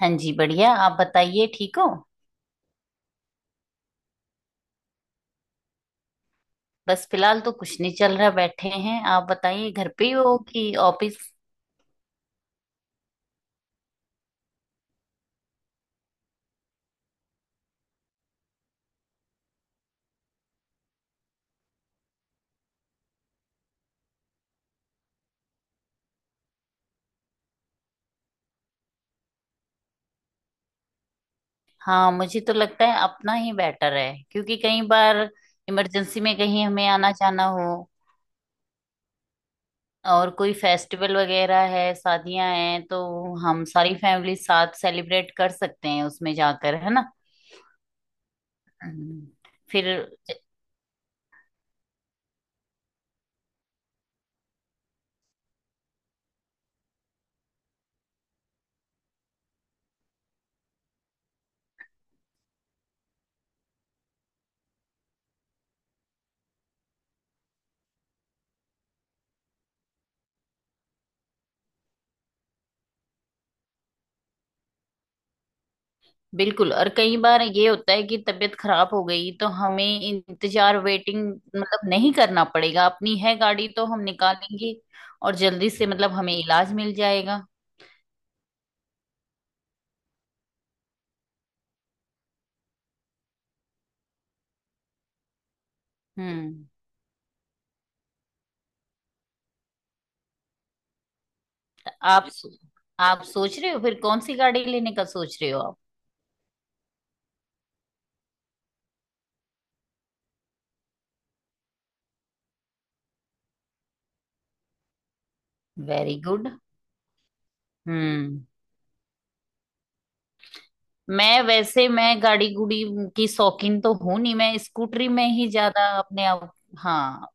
हाँ जी, बढ़िया। आप बताइए, ठीक हो? बस फिलहाल तो कुछ नहीं चल रहा, बैठे हैं। आप बताइए, घर पे ही हो कि ऑफिस? हाँ, मुझे तो लगता है अपना ही बेटर है, क्योंकि कई बार इमरजेंसी में कहीं हमें आना जाना हो और कोई फेस्टिवल वगैरह है, शादियां हैं, तो हम सारी फैमिली साथ सेलिब्रेट कर सकते हैं उसमें जाकर, है ना। हम्म। फिर बिल्कुल। और कई बार ये होता है कि तबीयत खराब हो गई तो हमें इंतजार, वेटिंग मतलब नहीं करना पड़ेगा, अपनी है गाड़ी तो हम निकालेंगे और जल्दी से मतलब हमें इलाज मिल जाएगा। हम्म। आप आप सोच रहे हो फिर कौन सी गाड़ी लेने का सोच रहे हो आप? Very good. हम्म। मैं वैसे मैं गाड़ी गुड़ी की शौकीन तो हूं नहीं, मैं स्कूटरी में ही ज्यादा अपने आप। हाँ।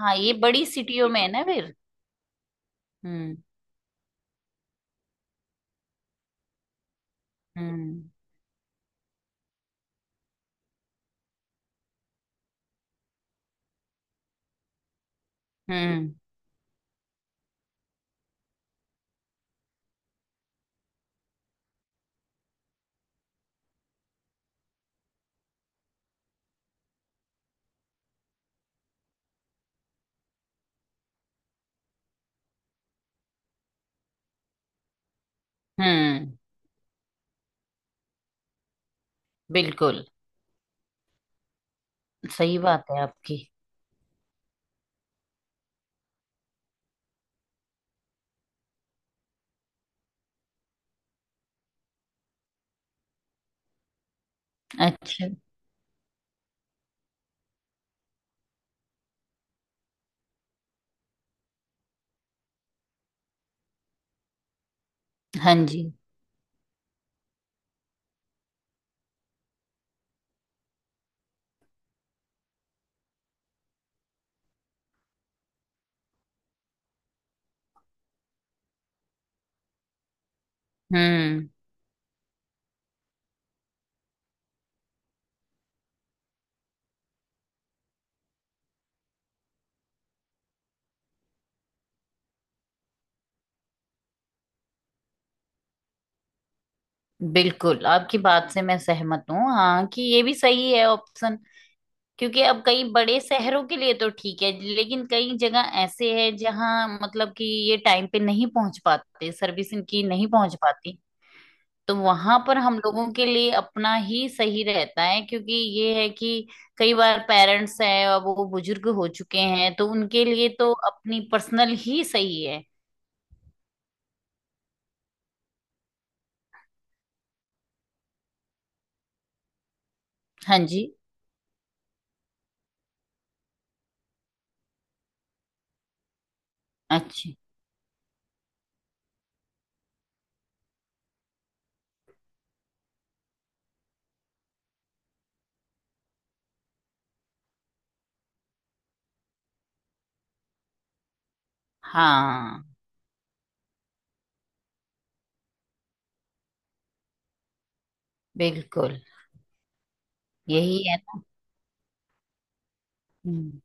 हाँ, ये बड़ी सिटियों में है ना फिर। हम्म। हम्म। हम्म। हम्म। बिल्कुल, सही बात है आपकी। अच्छा। हाँ जी। हम्म। बिल्कुल आपकी बात से मैं सहमत हूँ, हाँ, कि ये भी सही है ऑप्शन। क्योंकि अब कई बड़े शहरों के लिए तो ठीक है, लेकिन कई जगह ऐसे है जहाँ मतलब कि ये टाइम पे नहीं पहुंच पाते, सर्विस इनकी नहीं पहुंच पाती। तो वहां पर हम लोगों के लिए अपना ही सही रहता है, क्योंकि ये है कि कई बार पेरेंट्स हैं और वो बुजुर्ग हो चुके हैं, तो उनके लिए तो अपनी पर्सनल ही सही है। हाँ जी। अच्छा। हाँ, बिल्कुल। यही है ना। हम्म।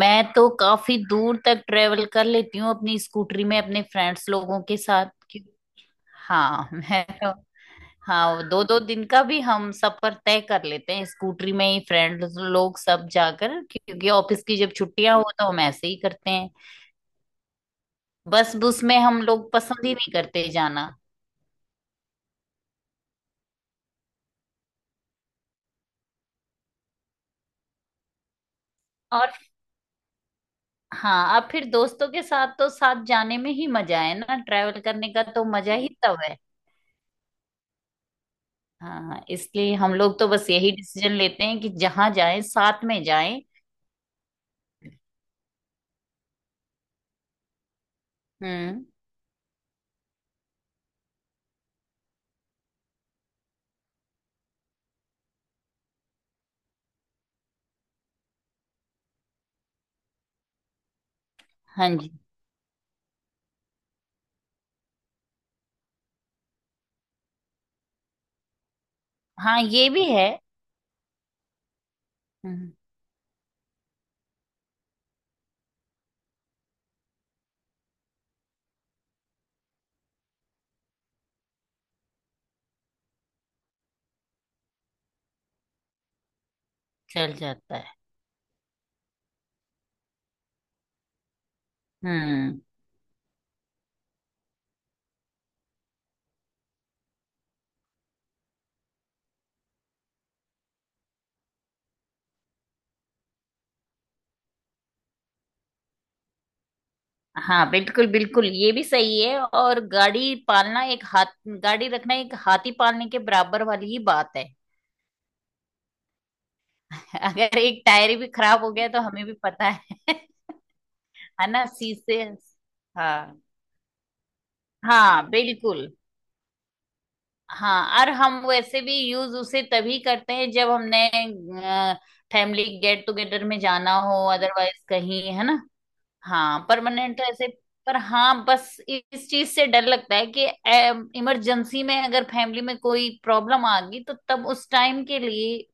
मैं तो काफी दूर तक ट्रेवल कर लेती हूँ अपनी स्कूटरी में अपने फ्रेंड्स लोगों के साथ कि- हाँ। मैं तो, हाँ, दो दो दिन का भी हम सफर तय कर लेते हैं स्कूटरी में ही, फ्रेंड्स लोग सब जाकर, क्योंकि ऑफिस की जब छुट्टियां हो तो हम ऐसे ही करते हैं। बस बस में हम लोग पसंद ही नहीं करते जाना। और हाँ, अब फिर दोस्तों के साथ तो साथ जाने में ही मजा है ना, ट्रैवल करने का तो मजा ही तब है। हाँ, इसलिए हम लोग तो बस यही डिसीजन लेते हैं कि जहां जाएं साथ में जाएं। हम्म। हाँ जी। हाँ, ये भी है। हम्म। चल जाता है। हम्म। हाँ, बिल्कुल बिल्कुल, ये भी सही है। और गाड़ी पालना एक हाथ, गाड़ी रखना एक हाथी पालने के बराबर वाली ही बात है। अगर एक टायर भी खराब हो गया तो हमें भी पता है। है ना, शीशे। हाँ। हाँ, बिल्कुल। हाँ, और हम वैसे भी यूज उसे तभी करते हैं जब हमने फैमिली गेट टुगेदर में जाना हो, अदरवाइज कहीं, है ना। हाँ, परमानेंट तो ऐसे, पर हाँ, बस इस चीज से डर लगता है कि इमरजेंसी में अगर फैमिली में कोई प्रॉब्लम आ गई तो तब उस टाइम के लिए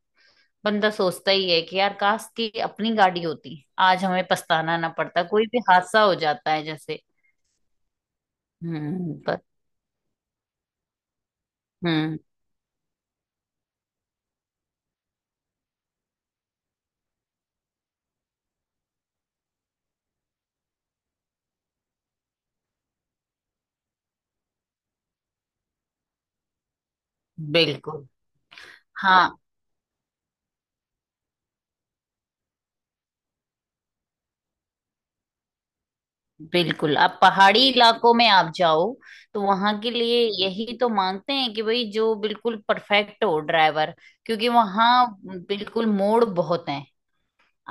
बंदा सोचता ही है कि यार, काश की अपनी गाड़ी होती, आज हमें पछताना ना पड़ता, कोई भी हादसा हो जाता है जैसे। हम्म। पर। हम्म। बिल्कुल। हाँ बिल्कुल, आप पहाड़ी इलाकों में आप जाओ तो वहां के लिए यही तो मांगते हैं कि भाई जो बिल्कुल परफेक्ट हो ड्राइवर, क्योंकि वहां बिल्कुल मोड़ बहुत हैं।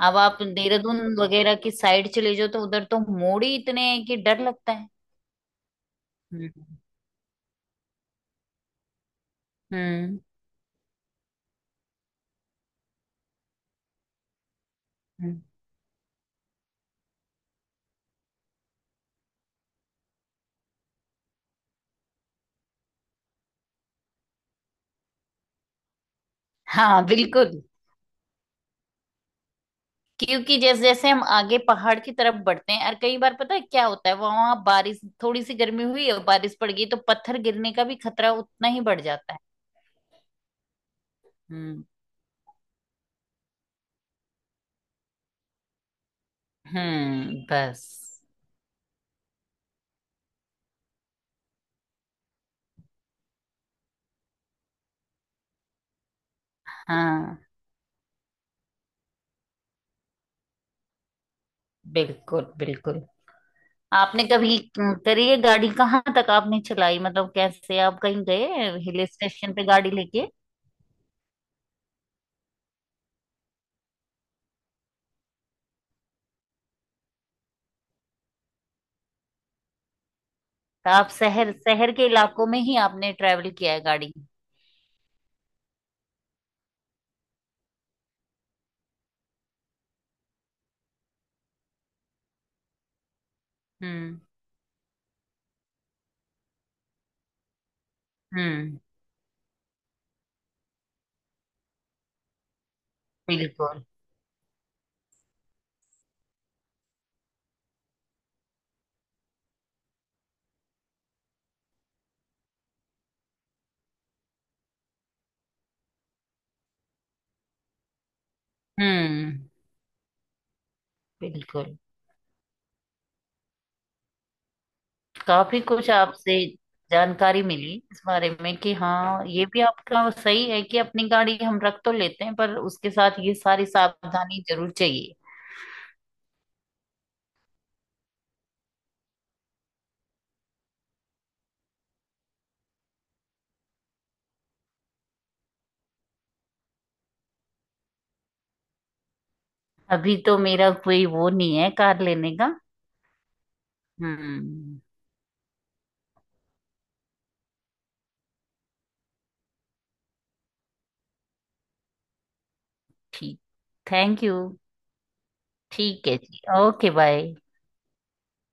अब आप देहरादून वगैरह की साइड चले जाओ तो उधर तो मोड़ ही इतने हैं कि डर लगता है। हम्म। हम्म। हम्म। हाँ बिल्कुल, क्योंकि जैसे जैसे हम आगे पहाड़ की तरफ बढ़ते हैं, और कई बार पता है क्या होता है, वहां बारिश, थोड़ी सी गर्मी हुई और बारिश पड़ गई तो पत्थर गिरने का भी खतरा उतना ही बढ़ जाता है। हम्म। बस। हाँ बिल्कुल बिल्कुल। आपने कभी करी है गाड़ी, कहाँ तक आपने चलाई, मतलब कैसे, आप कहीं गए हिल स्टेशन पे गाड़ी लेके? तो आप शहर शहर के इलाकों में ही आपने ट्रेवल किया है गाड़ी? हम्म। हम्म। बिल्कुल। हम्म। बिल्कुल, काफी कुछ आपसे जानकारी मिली इस बारे में कि हाँ, ये भी आपका सही है कि अपनी गाड़ी हम रख तो लेते हैं पर उसके साथ ये सारी सावधानी जरूर चाहिए। अभी तो मेरा कोई वो नहीं है कार लेने का। हम्म। ठीक। Thank you. ठीक है जी। Okay, bye.